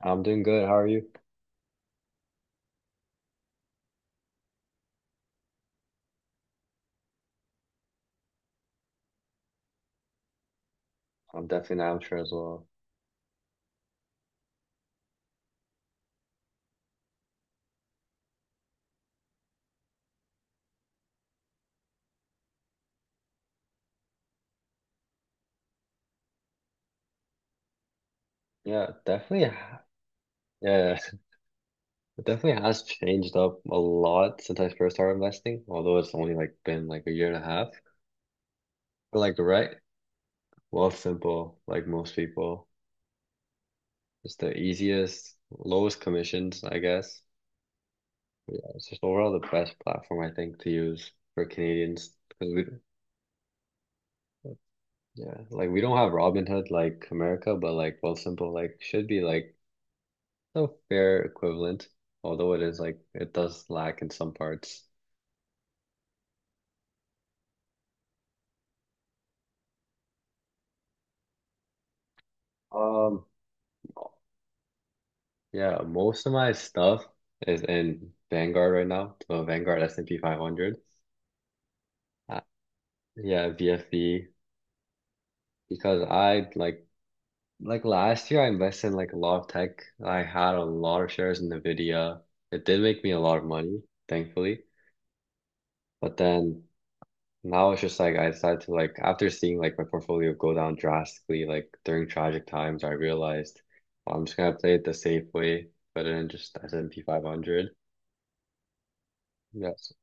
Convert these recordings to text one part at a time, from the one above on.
I'm doing good. How are you? I'm definitely an amateur as well. Yeah, definitely. Yeah, it definitely has changed up a lot since I first started investing, although it's only like been like a year and a half. But like, right? Wealth simple, like most people. It's the easiest, lowest commissions, I guess. But yeah, it's just overall the best platform I think to use for Canadians because yeah, like we don't have Robinhood like America, but like Wealthsimple like should be like a fair equivalent, although it is like it does lack in some parts. Um, yeah, most of my stuff is in Vanguard right now, so Vanguard S&P 500. Uh, yeah, VFE because I like last year I invested in like a lot of tech. I had a lot of shares in NVIDIA. It did make me a lot of money, thankfully. But then Now it's just like I decided to, like, after seeing like my portfolio go down drastically like during tragic times, I realized, well, I'm just gonna play it the safe way, better than just S&P 500. Yes,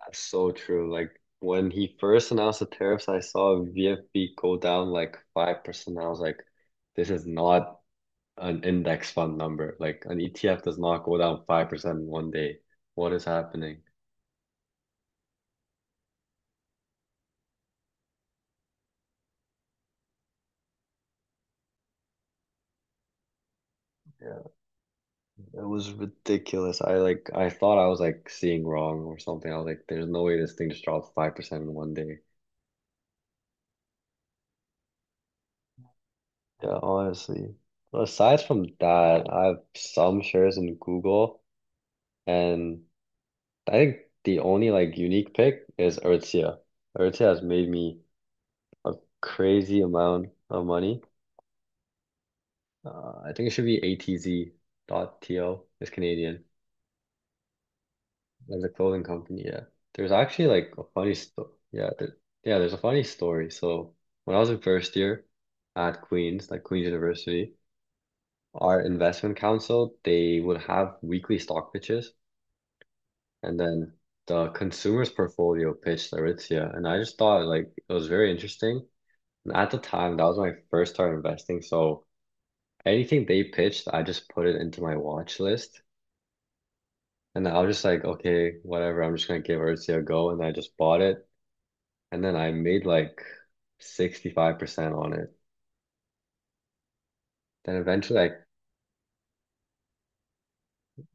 that's so true. Like when he first announced the tariffs, I saw VFB go down like 5%. I was like, this is not an index fund number. Like an ETF does not go down 5% in one day. What is happening? Yeah. It was ridiculous. I thought I was like seeing wrong or something. I was like, there's no way this thing just dropped 5% in one day. Yeah, honestly. But aside from that, I have some shares in Google, and I think the only like unique pick is Aritzia. Aritzia has made me a crazy amount of money. I think it should be ATZ.TO. It's Canadian. As a clothing company, yeah. There's actually like a funny story. Yeah, there's a funny story. So when I was in first year at Queen's, like Queen's University, our investment council, they would have weekly stock pitches. And then the consumer's portfolio pitched Aritzia. And I just thought like it was very interesting. And at the time, that was my first time investing. So anything they pitched, I just put it into my watch list. And I was just like, okay, whatever, I'm just gonna give Aritzia a go. And I just bought it. And then I made like 65% on it. Then eventually I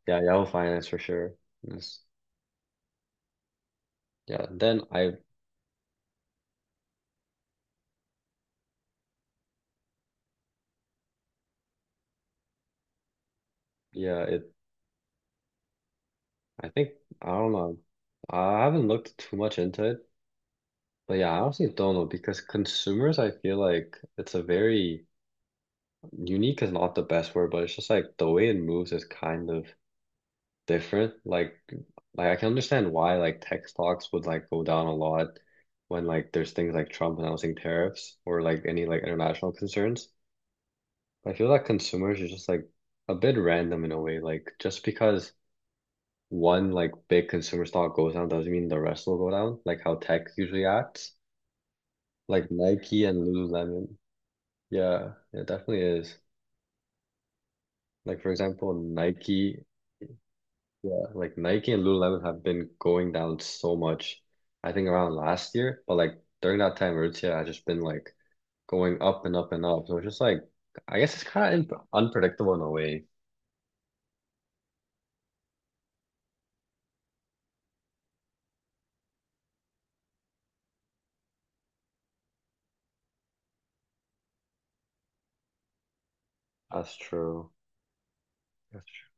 yeah, Yahoo Finance for sure. Yes. Yeah. Then I yeah, it I think I don't know. I haven't looked too much into it. But yeah, I honestly don't know because consumers, I feel like it's a very unique is not the best word, but it's just like the way it moves is kind of different. Like I can understand why like tech stocks would like go down a lot when like there's things like Trump announcing tariffs or like any like international concerns. But I feel like consumers are just like a bit random in a way. Like just because one like big consumer stock goes down doesn't mean the rest will go down. Like how tech usually acts. Like Nike and Lululemon. Yeah, it definitely is. Like for example, Nike. Yeah, like Nike and Lululemon have been going down so much. I think around last year, but like during that time, Aritzia has just been like going up and up and up. So it's just like, I guess it's kind of imp unpredictable in a way. That's true. That's true.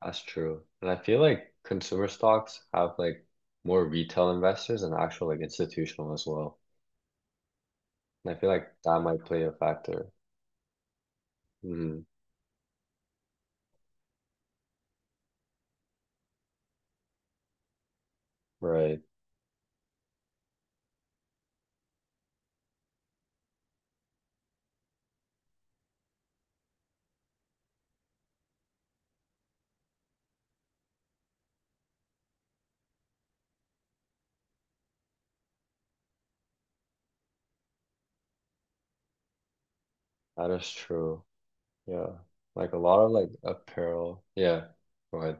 That's true. And I feel like consumer stocks have like more retail investors and actual like institutional as well. And I feel like that might play a factor. Mm, right. That is true. Yeah. Like a lot of like apparel. Yeah. Go ahead.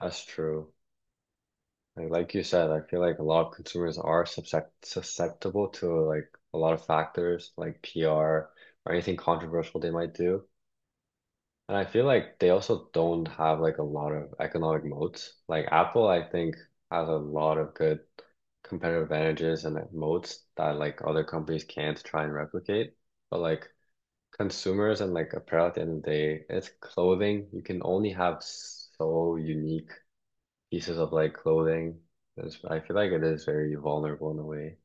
That's true. And like you said, I feel like a lot of consumers are susceptible to like a lot of factors like PR or anything controversial they might do. And I feel like they also don't have like a lot of economic moats. Like Apple, I think, has a lot of good competitive advantages and moats that like other companies can't try and replicate. But like consumers and like apparel at the end of the day, it's clothing. You can only have so unique pieces of like clothing. I feel like it is very vulnerable in a way.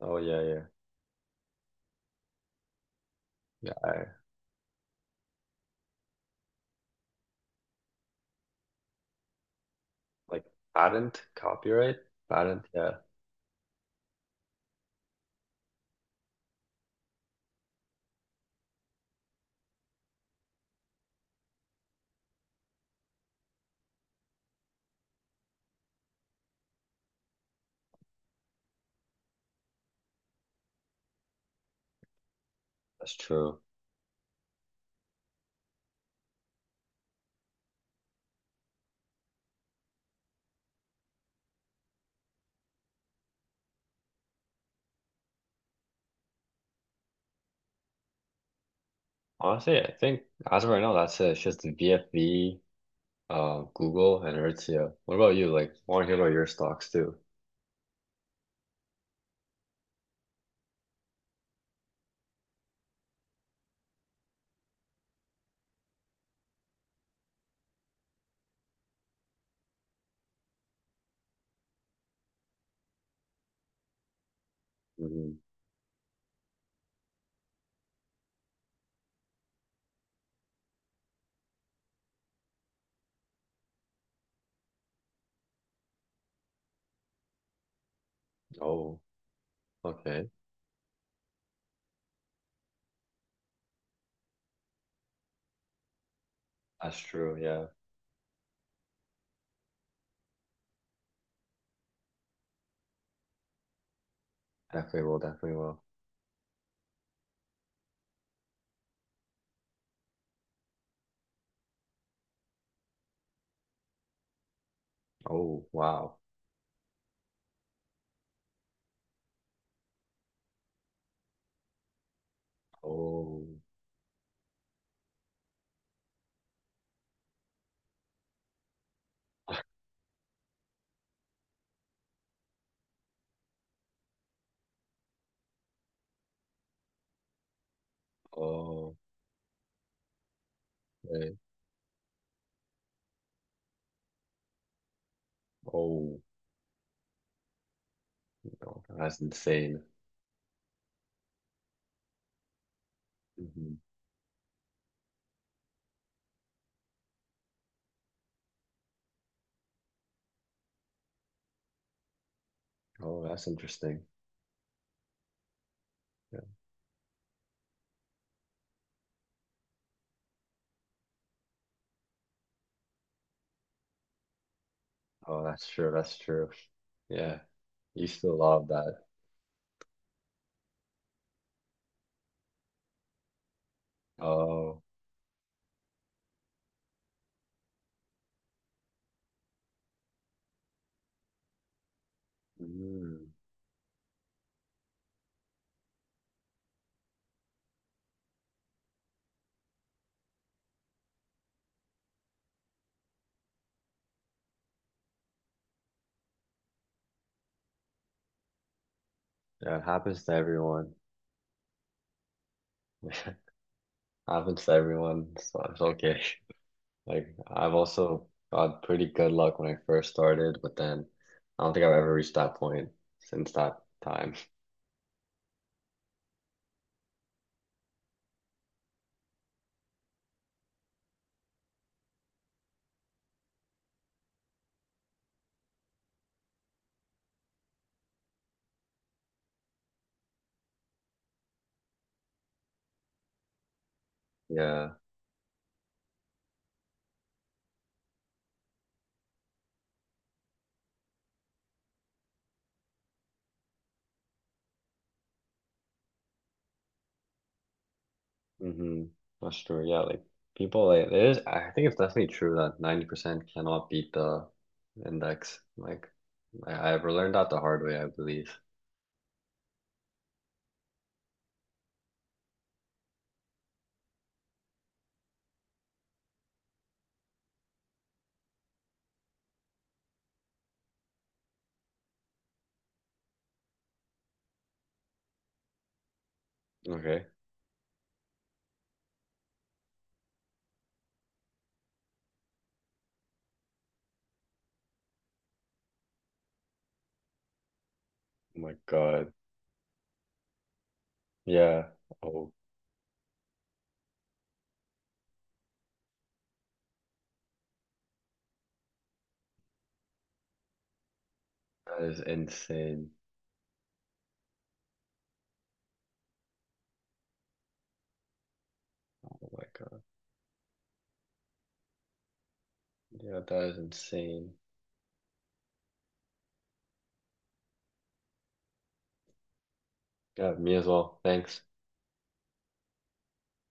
Oh yeah, yeah, yeah. Like patent copyright, patent. Yeah, that's true. Honestly, I think as of right now, that's it. It's just the VFV, Google, and Aritzia. What about you? Like, want to hear about your stocks too? Hmm. Oh, okay. That's true. Yeah, definitely will. Definitely will. Oh wow. Oh, oh, okay. Oh, no, that's insane. Hmm. Oh, that's interesting. Oh, that's true. That's true. Yeah, you still love that. Oh, mm. Yeah, it happens to everyone. Happens to everyone, so it's okay. Like I've also got pretty good luck when I first started, but then I don't think I've ever reached that point since that time. Yeah. Mm-hmm. That's true. Yeah, like people like it is I think it's definitely true that 90% cannot beat the index. Like I've learned that the hard way, I believe. Okay. Oh my God. Yeah. Oh, that is insane. Oh my God. Yeah, that is insane. Yeah, me as well. Thanks.